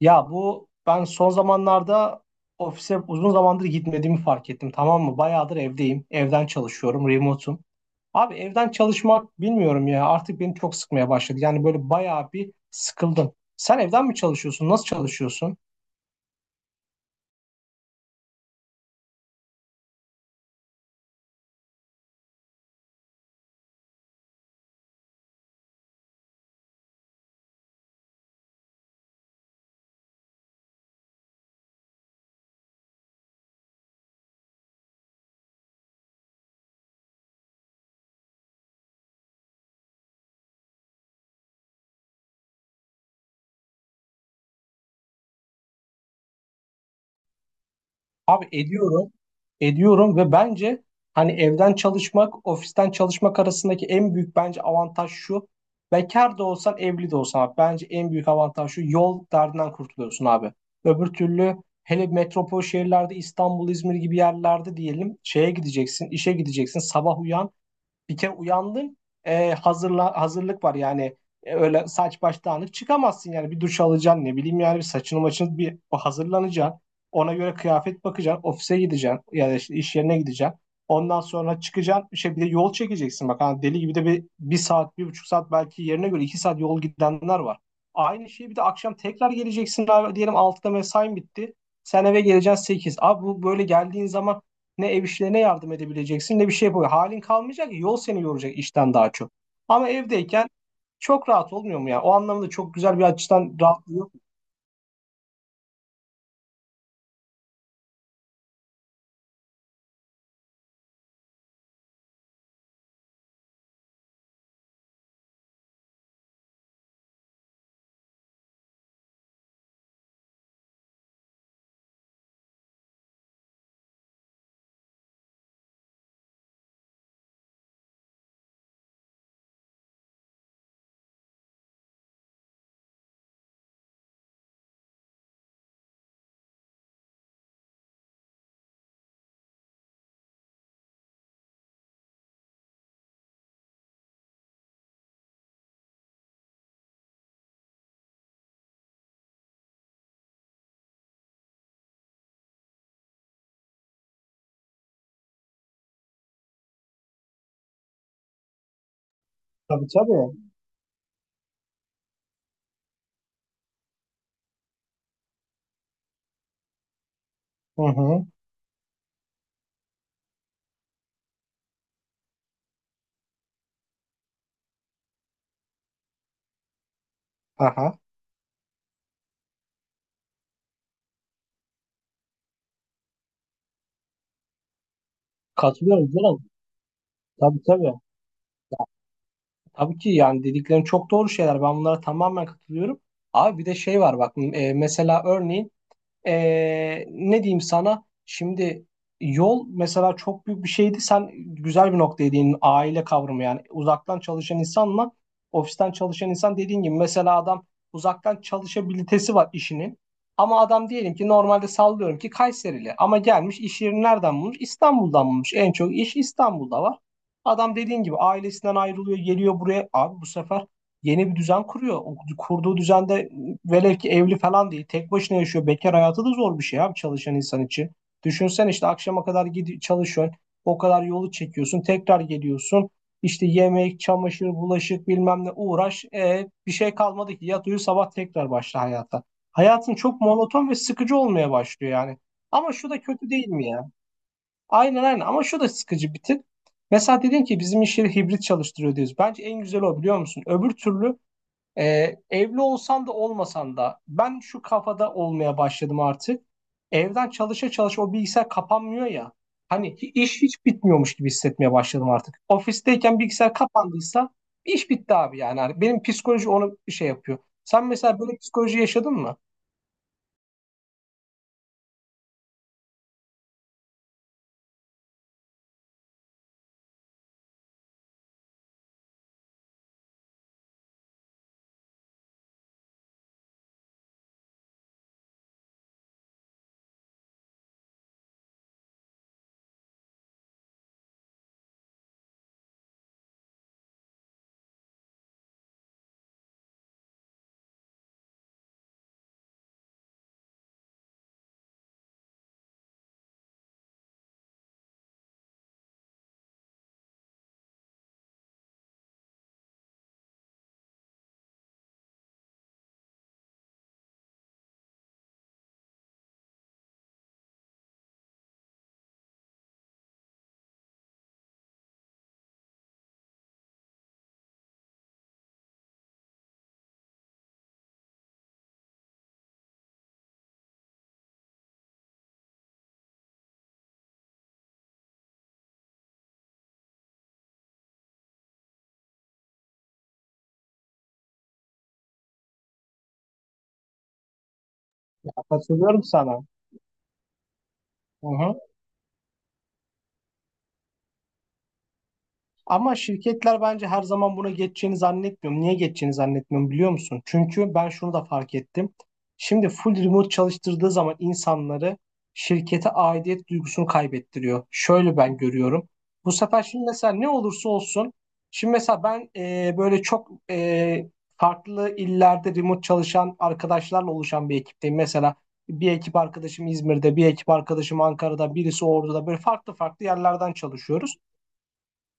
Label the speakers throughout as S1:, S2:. S1: Ya bu ben son zamanlarda ofise uzun zamandır gitmediğimi fark ettim, tamam mı? Bayağıdır evdeyim. Evden çalışıyorum, remote'um. Abi evden çalışmak bilmiyorum ya, artık beni çok sıkmaya başladı. Yani böyle bayağı bir sıkıldım. Sen evden mi çalışıyorsun? Nasıl çalışıyorsun? Abi ediyorum, ediyorum ve bence hani evden çalışmak, ofisten çalışmak arasındaki en büyük bence avantaj şu. Bekar da olsan, evli de olsan abi, bence en büyük avantaj şu. Yol derdinden kurtuluyorsun abi. Öbür türlü hele metropol şehirlerde İstanbul, İzmir gibi yerlerde diyelim şeye gideceksin, işe gideceksin, sabah uyan, bir kere uyandın, hazırlık var yani. Öyle saç baş dağınık çıkamazsın, yani bir duş alacaksın, ne bileyim yani bir saçını maçını bir hazırlanacaksın. Ona göre kıyafet bakacaksın, ofise gideceksin ya da işte iş yerine gideceksin. Ondan sonra çıkacaksın, şey, bir de yol çekeceksin bak, hani deli gibi de bir saat, 1,5 saat, belki yerine göre 2 saat yol gidenler var. Aynı şey, bir de akşam tekrar geleceksin abi, diyelim 6'da mesain bitti. Sen eve geleceksin 8. Abi bu böyle geldiğin zaman ne ev işlerine yardım edebileceksin ne bir şey yapabilir. Halin kalmayacak, yol seni yoracak işten daha çok. Ama evdeyken çok rahat olmuyor mu ya? O anlamda çok güzel, bir açıdan rahatlığı yok mu? Tabii, tabii. Hı hı. Aha. Katılıyorum canım. Tabii, tabii. Tabii ki, yani dediklerin çok doğru şeyler. Ben bunlara tamamen katılıyorum. Abi bir de şey var bak, mesela, örneğin, ne diyeyim sana? Şimdi yol mesela çok büyük bir şeydi. Sen güzel bir noktaya değindin. Aile kavramı yani. Uzaktan çalışan insanla ofisten çalışan insan, dediğin gibi mesela adam uzaktan çalışabilitesi var işinin. Ama adam diyelim ki, normalde sallıyorum ki Kayserili, ama gelmiş iş yerini nereden bulmuş? İstanbul'dan bulmuş. En çok iş İstanbul'da var. Adam dediğin gibi ailesinden ayrılıyor, geliyor buraya. Abi bu sefer yeni bir düzen kuruyor. O kurduğu düzende velev ki evli falan değil, tek başına yaşıyor. Bekar hayatı da zor bir şey abi, çalışan insan için. Düşünsen, işte akşama kadar gidi çalışıyorsun. O kadar yolu çekiyorsun. Tekrar geliyorsun. İşte yemek, çamaşır, bulaşık, bilmem ne uğraş. Bir şey kalmadı ki. Yat uyu, sabah tekrar başla hayata. Hayatın çok monoton ve sıkıcı olmaya başlıyor yani. Ama şu da kötü değil mi ya? Aynen, aynen, ama şu da sıkıcı bir tık. Mesela dedin ki bizim iş yeri hibrit çalıştırıyor diyoruz. Bence en güzel o, biliyor musun? Öbür türlü evli olsan da olmasan da ben şu kafada olmaya başladım artık. Evden çalışa çalışa o bilgisayar kapanmıyor ya. Hani iş hiç bitmiyormuş gibi hissetmeye başladım artık. Ofisteyken bilgisayar kapandıysa iş bitti abi yani. Hani benim psikoloji onu bir şey yapıyor. Sen mesela böyle psikoloji yaşadın mı? Katılıyorum sana. Hı hı. Ama şirketler bence her zaman buna geçeceğini zannetmiyorum. Niye geçeceğini zannetmiyorum, biliyor musun? Çünkü ben şunu da fark ettim. Şimdi full remote çalıştırdığı zaman insanları, şirkete aidiyet duygusunu kaybettiriyor. Şöyle ben görüyorum. Bu sefer şimdi mesela, ne olursa olsun. Şimdi mesela ben böyle çok farklı illerde remote çalışan arkadaşlarla oluşan bir ekipteyim. Mesela bir ekip arkadaşım İzmir'de, bir ekip arkadaşım Ankara'da, birisi Ordu'da, böyle farklı farklı yerlerden çalışıyoruz.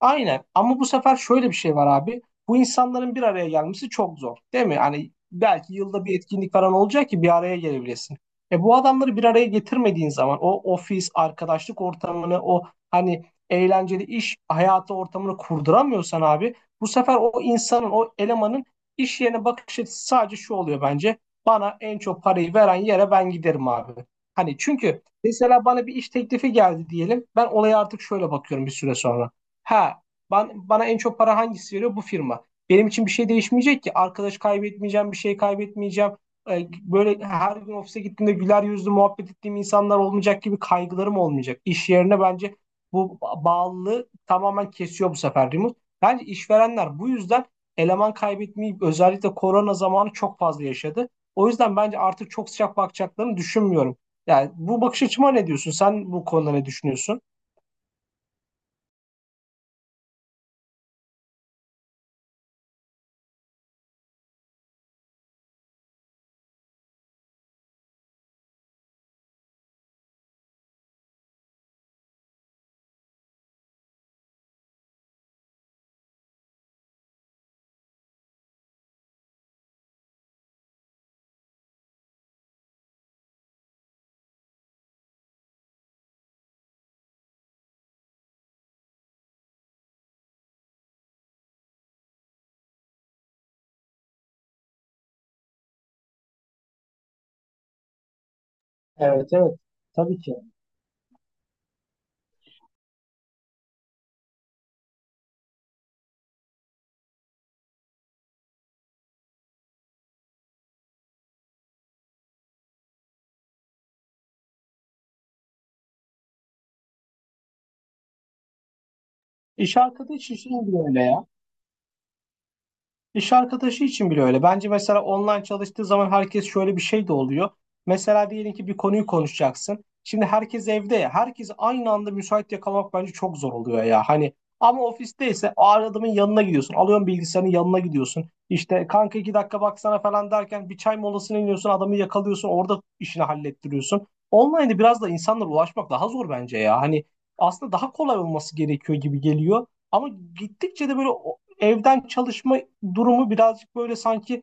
S1: Aynen, ama bu sefer şöyle bir şey var abi. Bu insanların bir araya gelmesi çok zor değil mi? Hani belki yılda bir etkinlik falan olacak ki bir araya gelebilesin. Bu adamları bir araya getirmediğin zaman o ofis, arkadaşlık ortamını, o hani eğlenceli iş hayatı ortamını kurduramıyorsan abi, bu sefer o insanın, o elemanın iş yerine bakış açısı sadece şu oluyor bence: bana en çok parayı veren yere ben giderim abi. Hani çünkü mesela bana bir iş teklifi geldi diyelim. Ben olaya artık şöyle bakıyorum bir süre sonra. Ha, bana en çok para hangisi veriyor? Bu firma. Benim için bir şey değişmeyecek ki. Arkadaş kaybetmeyeceğim, bir şey kaybetmeyeceğim. Böyle her gün ofise gittiğimde güler yüzlü muhabbet ettiğim insanlar olmayacak gibi kaygılarım olmayacak. İş yerine bence bu bağlılığı tamamen kesiyor bu sefer remote. Bence işverenler bu yüzden eleman kaybetmeyi özellikle korona zamanı çok fazla yaşadı. O yüzden bence artık çok sıcak bakacaklarını düşünmüyorum. Yani bu bakış açıma ne diyorsun? Sen bu konuda ne düşünüyorsun? Evet, evet, tabii ki. İş arkadaşı için de öyle ya. İş arkadaşı için bile öyle. Bence mesela online çalıştığı zaman herkes, şöyle bir şey de oluyor. Mesela diyelim ki bir konuyu konuşacaksın. Şimdi herkes evde ya. Herkesi aynı anda müsait yakalamak bence çok zor oluyor ya. Hani ama ofisteyse o adamın yanına gidiyorsun. Alıyorsun bilgisayarın, yanına gidiyorsun. İşte kanka 2 dakika baksana falan derken bir çay molasına iniyorsun. Adamı yakalıyorsun. Orada işini hallettiriyorsun. Online'de biraz da insanlara ulaşmak daha zor bence ya. Hani aslında daha kolay olması gerekiyor gibi geliyor. Ama gittikçe de böyle evden çalışma durumu birazcık böyle sanki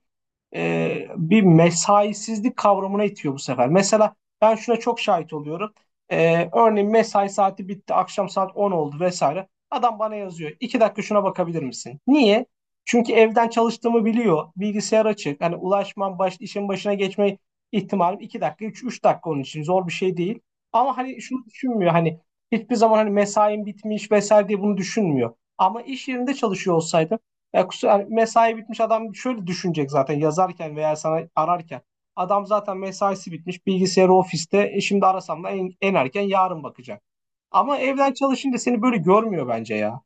S1: bir mesaisizlik kavramına itiyor bu sefer. Mesela ben şuna çok şahit oluyorum. Örneğin mesai saati bitti, akşam saat 10 oldu vesaire. Adam bana yazıyor: 2 dakika şuna bakabilir misin? Niye? Çünkü evden çalıştığımı biliyor. Bilgisayar açık. Hani ulaşmam, işin başına geçme ihtimalim 2 dakika, üç dakika onun için. Zor bir şey değil. Ama hani şunu düşünmüyor. Hani hiçbir zaman hani mesain bitmiş vesaire diye bunu düşünmüyor. Ama iş yerinde çalışıyor olsaydım ya kusura, yani mesai bitmiş, adam şöyle düşünecek zaten yazarken veya sana ararken. Adam zaten mesaisi bitmiş, bilgisayarı ofiste. Şimdi arasam da en erken yarın bakacak. Ama evden çalışınca seni böyle görmüyor bence ya.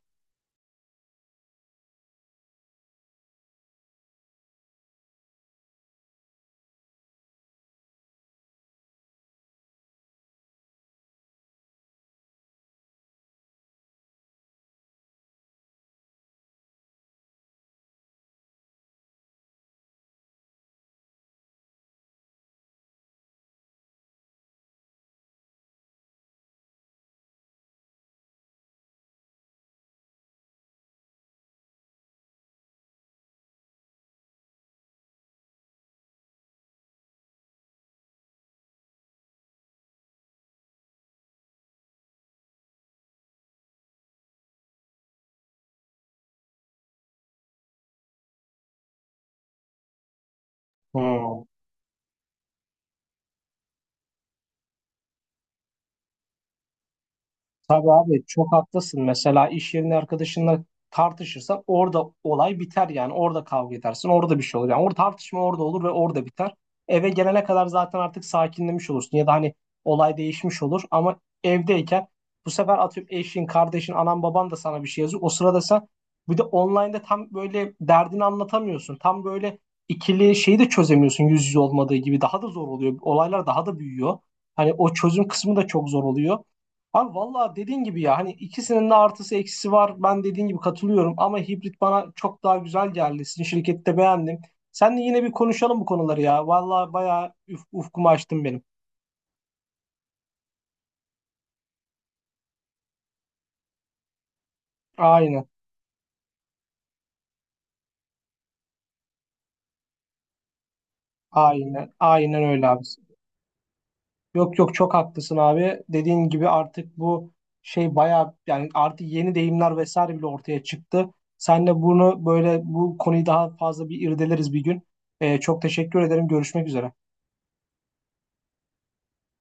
S1: Hmm. Tabii abi, çok haklısın. Mesela iş yerinde arkadaşınla tartışırsan orada olay biter yani. Orada kavga edersin. Orada bir şey olur. Yani orada tartışma orada olur ve orada biter. Eve gelene kadar zaten artık sakinlemiş olursun. Ya da hani olay değişmiş olur. Ama evdeyken bu sefer atıyorum eşin, kardeşin, anan, baban da sana bir şey yazıyor. O sırada sen bir de online'da tam böyle derdini anlatamıyorsun. Tam böyle ikili şeyi de çözemiyorsun, yüz yüze olmadığı gibi. Daha da zor oluyor. Olaylar daha da büyüyor. Hani o çözüm kısmı da çok zor oluyor. Abi vallahi dediğin gibi ya, hani ikisinin de artısı eksisi var. Ben dediğin gibi katılıyorum ama hibrit bana çok daha güzel geldi. Sizin şirkette beğendim. Seninle yine bir konuşalım bu konuları ya. Vallahi bayağı ufkumu açtın benim. Aynen. Aynen. Aynen öyle abi. Yok, yok, çok haklısın abi. Dediğin gibi artık bu şey bayağı, yani artık yeni deyimler vesaire bile ortaya çıktı. Seninle bunu böyle, bu konuyu daha fazla bir irdeleriz bir gün. Çok teşekkür ederim. Görüşmek üzere.